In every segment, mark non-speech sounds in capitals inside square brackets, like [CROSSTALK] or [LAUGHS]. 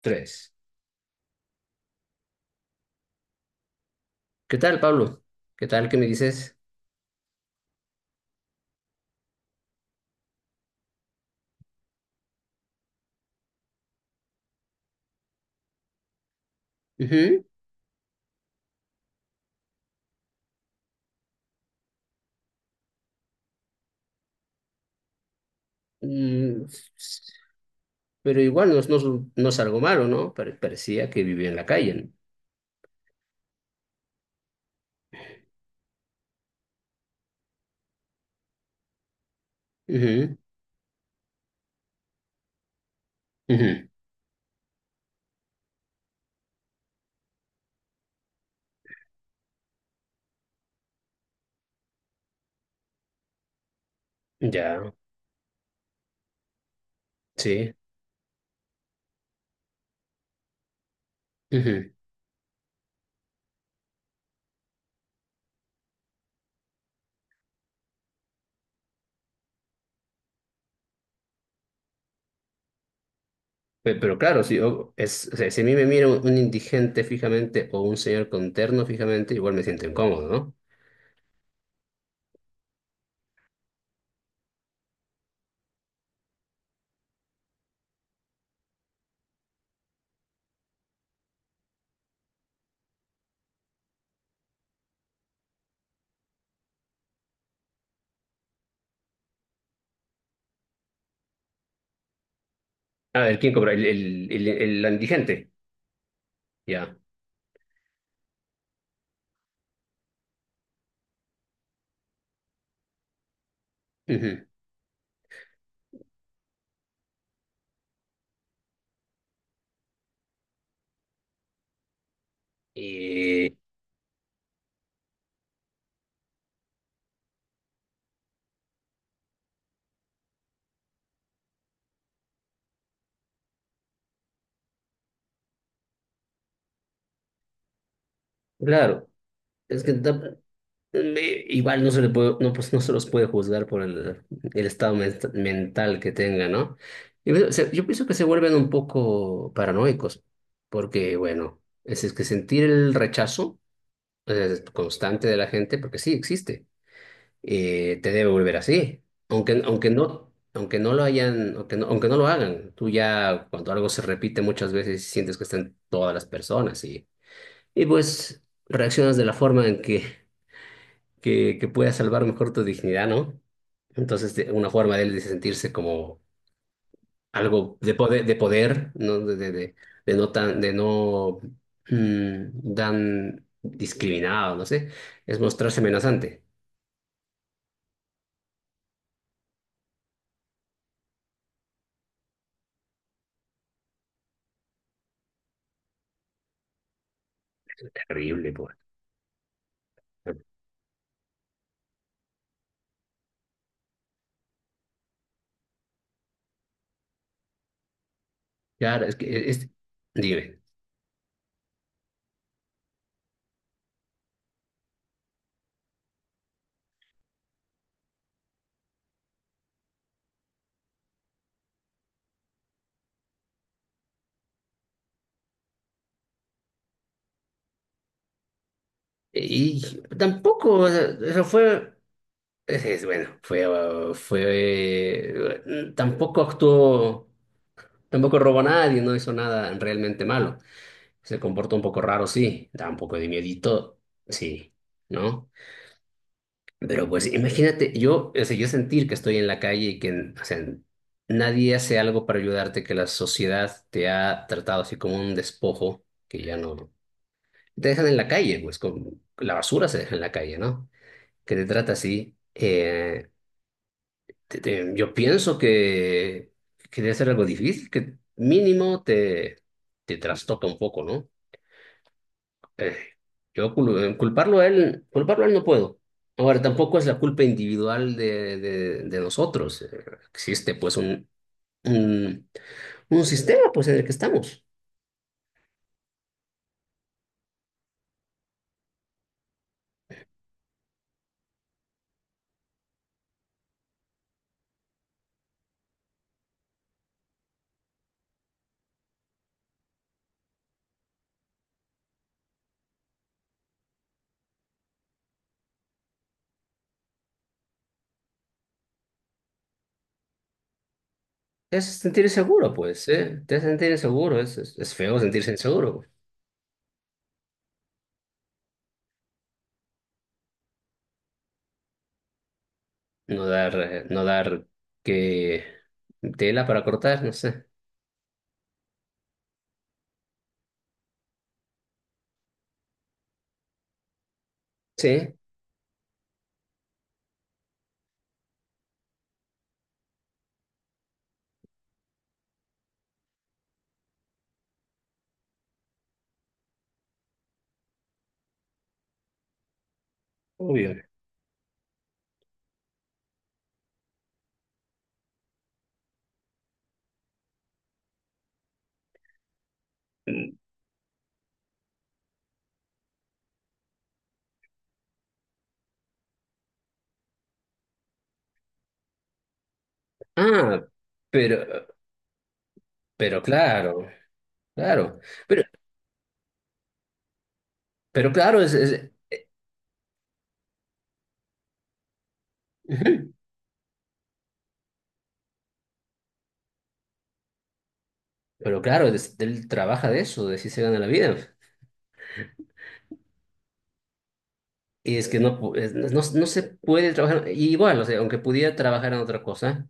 Tres. ¿Qué tal, Pablo? ¿Qué tal? ¿Qué me dices? Ujú. Mm. Pero igual no, no, no es algo malo, ¿no? Parecía que vivía en la calle, ¿no? Ujú, ujú. Ya, sí. Ujú. Pero, claro, si, yo- es, o sea, si a mí me mira un indigente fijamente o un señor con terno fijamente, igual me siento incómodo, ¿no? A ver, ¿quién cobra? El indigente. Ya. Ujú. Y claro, es que igual no se le puede, no, pues, no se los puede juzgar por el estado mental que tenga, ¿no? Y bueno, yo pienso que se vuelven un poco paranoicos, porque, bueno, es que sentir el rechazo constante de la gente, porque sí existe, te debe volver así. Aunque no lo hagan, tú ya cuando algo se repite muchas veces sientes que están todas las personas y, pues reaccionas de la forma en que pueda salvar mejor tu dignidad, ¿no? Entonces, una forma de él de sentirse como algo de poder, ¿no? De tan discriminado, no sé, es mostrarse amenazante. Terrible, pues. Claro, es que dime. Y tampoco, o sea, eso fue, bueno, fue, tampoco actuó, tampoco robó a nadie, no hizo nada realmente malo. Se comporta un poco raro, sí, da un poco de miedito, sí, ¿no? Pero pues imagínate, yo, o sea, yo sentir que estoy en la calle y que, o sea, nadie hace algo para ayudarte, que la sociedad te ha tratado así como un despojo, que ya no. Te dejan en la calle, pues, con la basura se deja en la calle, ¿no? Que te trata así. Yo pienso que debe ser algo difícil, que mínimo te trastoca un poco, ¿no? Eh, culparlo a él, culparlo a él no puedo. Ahora, tampoco es la culpa individual de nosotros. Existe pues un, un sistema pues en el que estamos. Es sentir seguro, pues, ¿eh? Te hace sentir inseguro, es feo sentirse inseguro, güey. No dar que tela para cortar, no sé. Sí, obvio. Mm. Ah, pero, pero claro, claro. Pero, pero claro. Ujú. Pero claro, él trabaja de eso, de si se gana la vida. Y es que no, no, no no se puede trabajar, y igual, o sea, aunque pudiera trabajar en otra cosa,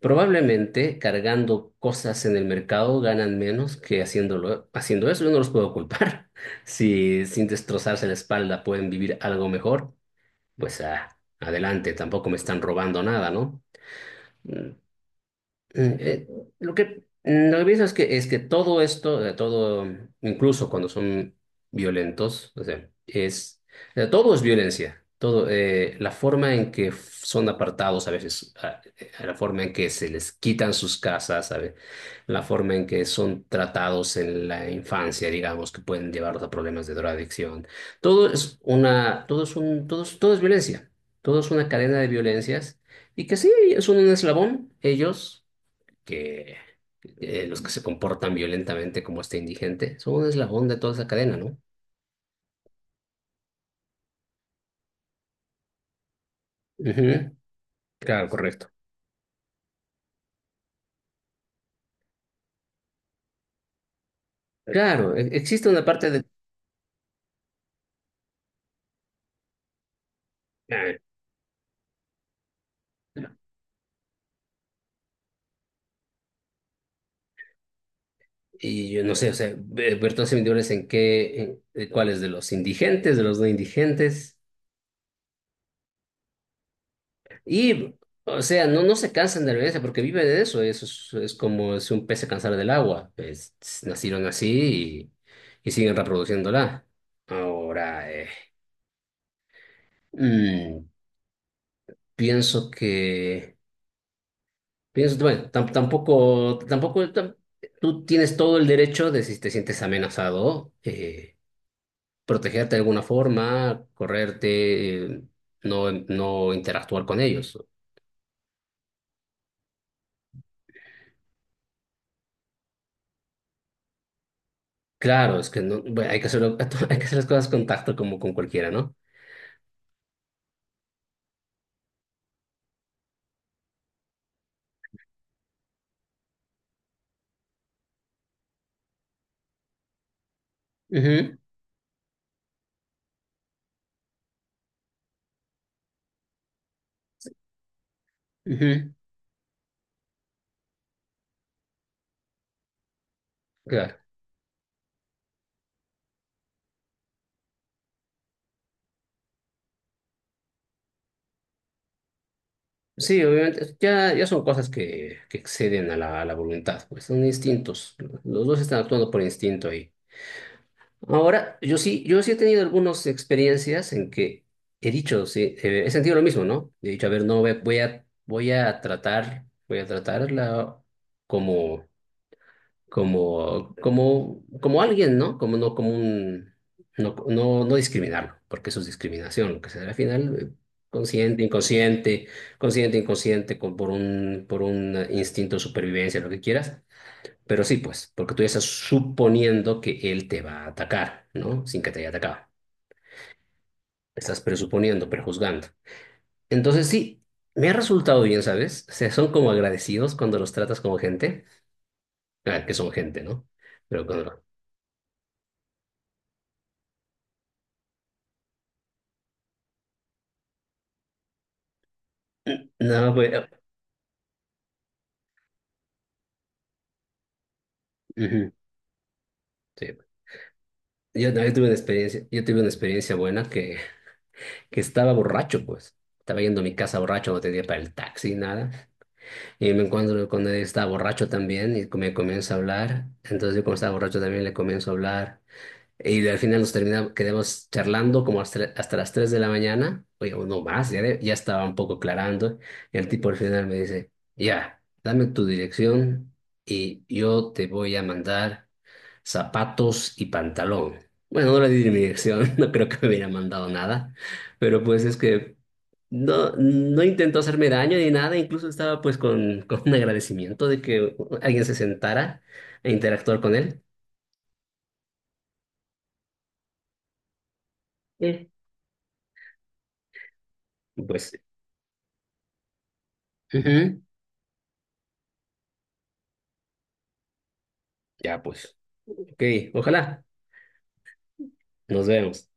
probablemente cargando cosas en el mercado ganan menos que haciéndolo, haciendo eso. Yo no los puedo culpar. [LAUGHS] Si sin destrozarse la espalda pueden vivir algo mejor, pues ah, adelante, tampoco me están robando nada, ¿no? Mm. Eh, Eh, lo que pienso es que todo esto, todo, incluso cuando son violentos, o sea, todo es violencia. Todo, la forma en que son apartados a veces, a la forma en que se les quitan sus casas, ¿sabe? La forma en que son tratados en la infancia, digamos, que pueden llevarlos a problemas de drogadicción. Todo es una, todo es un, todo es violencia. Todo es una cadena de violencias. Y que sí, son un eslabón, ellos, que los que se comportan violentamente como este indigente son un eslabón de toda esa cadena, ¿no? Ujú. Claro, correcto. Claro, existe una parte de. Ah. Y yo no sé, o sea, ver todas individuales en qué, cuáles de los indigentes, de los no indigentes. Y, o sea, no, no se cansan de la violencia porque viven de eso. Eso es como si un pez se cansara del agua. Nacieron así y siguen reproduciéndola. Ahora, mm, pienso que... piensas bueno, tampoco tú tienes todo el derecho de si te sientes amenazado, protegerte de alguna forma, correrte, no, no interactuar con ellos. Claro, es que no, bueno, hay que hacerlo, [LAUGHS] hay que hacer las cosas con tacto como con cualquiera, ¿no? Ujú, ujú. Claro. Sí, obviamente, ya son cosas que exceden a la voluntad, pues son instintos. Los dos están actuando por instinto. Ahora, yo sí he tenido algunas experiencias en que he dicho, sí, he sentido lo mismo, ¿no? He dicho, a ver, no, voy a tratarla como, como alguien, ¿no? No, no, no discriminarlo, porque eso es discriminación, lo que se da al final, consciente, inconsciente, consciente, inconsciente, por un instinto de supervivencia, lo que quieras. Pero sí, pues, porque tú ya estás suponiendo que él te va a atacar, ¿no? Sin que te haya atacado. Estás presuponiendo, prejuzgando. Entonces sí, me ha resultado bien, ¿sabes? O sea, son como agradecidos cuando los tratas como gente. Ah, que son gente, ¿no? Pero cuando. No, no, pues. Ujú, sí. Yo también tuve una experiencia, yo tuve una experiencia buena que, estaba borracho, pues. Estaba yendo a mi casa borracho, no tenía para el taxi, nada. Y me encuentro con él, está borracho también y me comienza a hablar. Entonces yo como estaba borracho también le comienzo a hablar. Y al final nos terminamos, quedamos charlando como hasta, las 3 de la mañana, oye, o no más, ya, ya estaba un poco aclarando. Y el tipo al final me dice, ya, dame tu dirección y yo te voy a mandar zapatos y pantalón. Bueno, no le di mi dirección, [LAUGHS] no creo que me hubiera mandado nada, pero pues es que no, no intentó hacerme daño ni nada, incluso estaba pues con, [LAUGHS] con un agradecimiento de que alguien se sentara a interactuar con él. Es- Pues, ujú. Ya pues. Ok, ojalá. Nos vemos.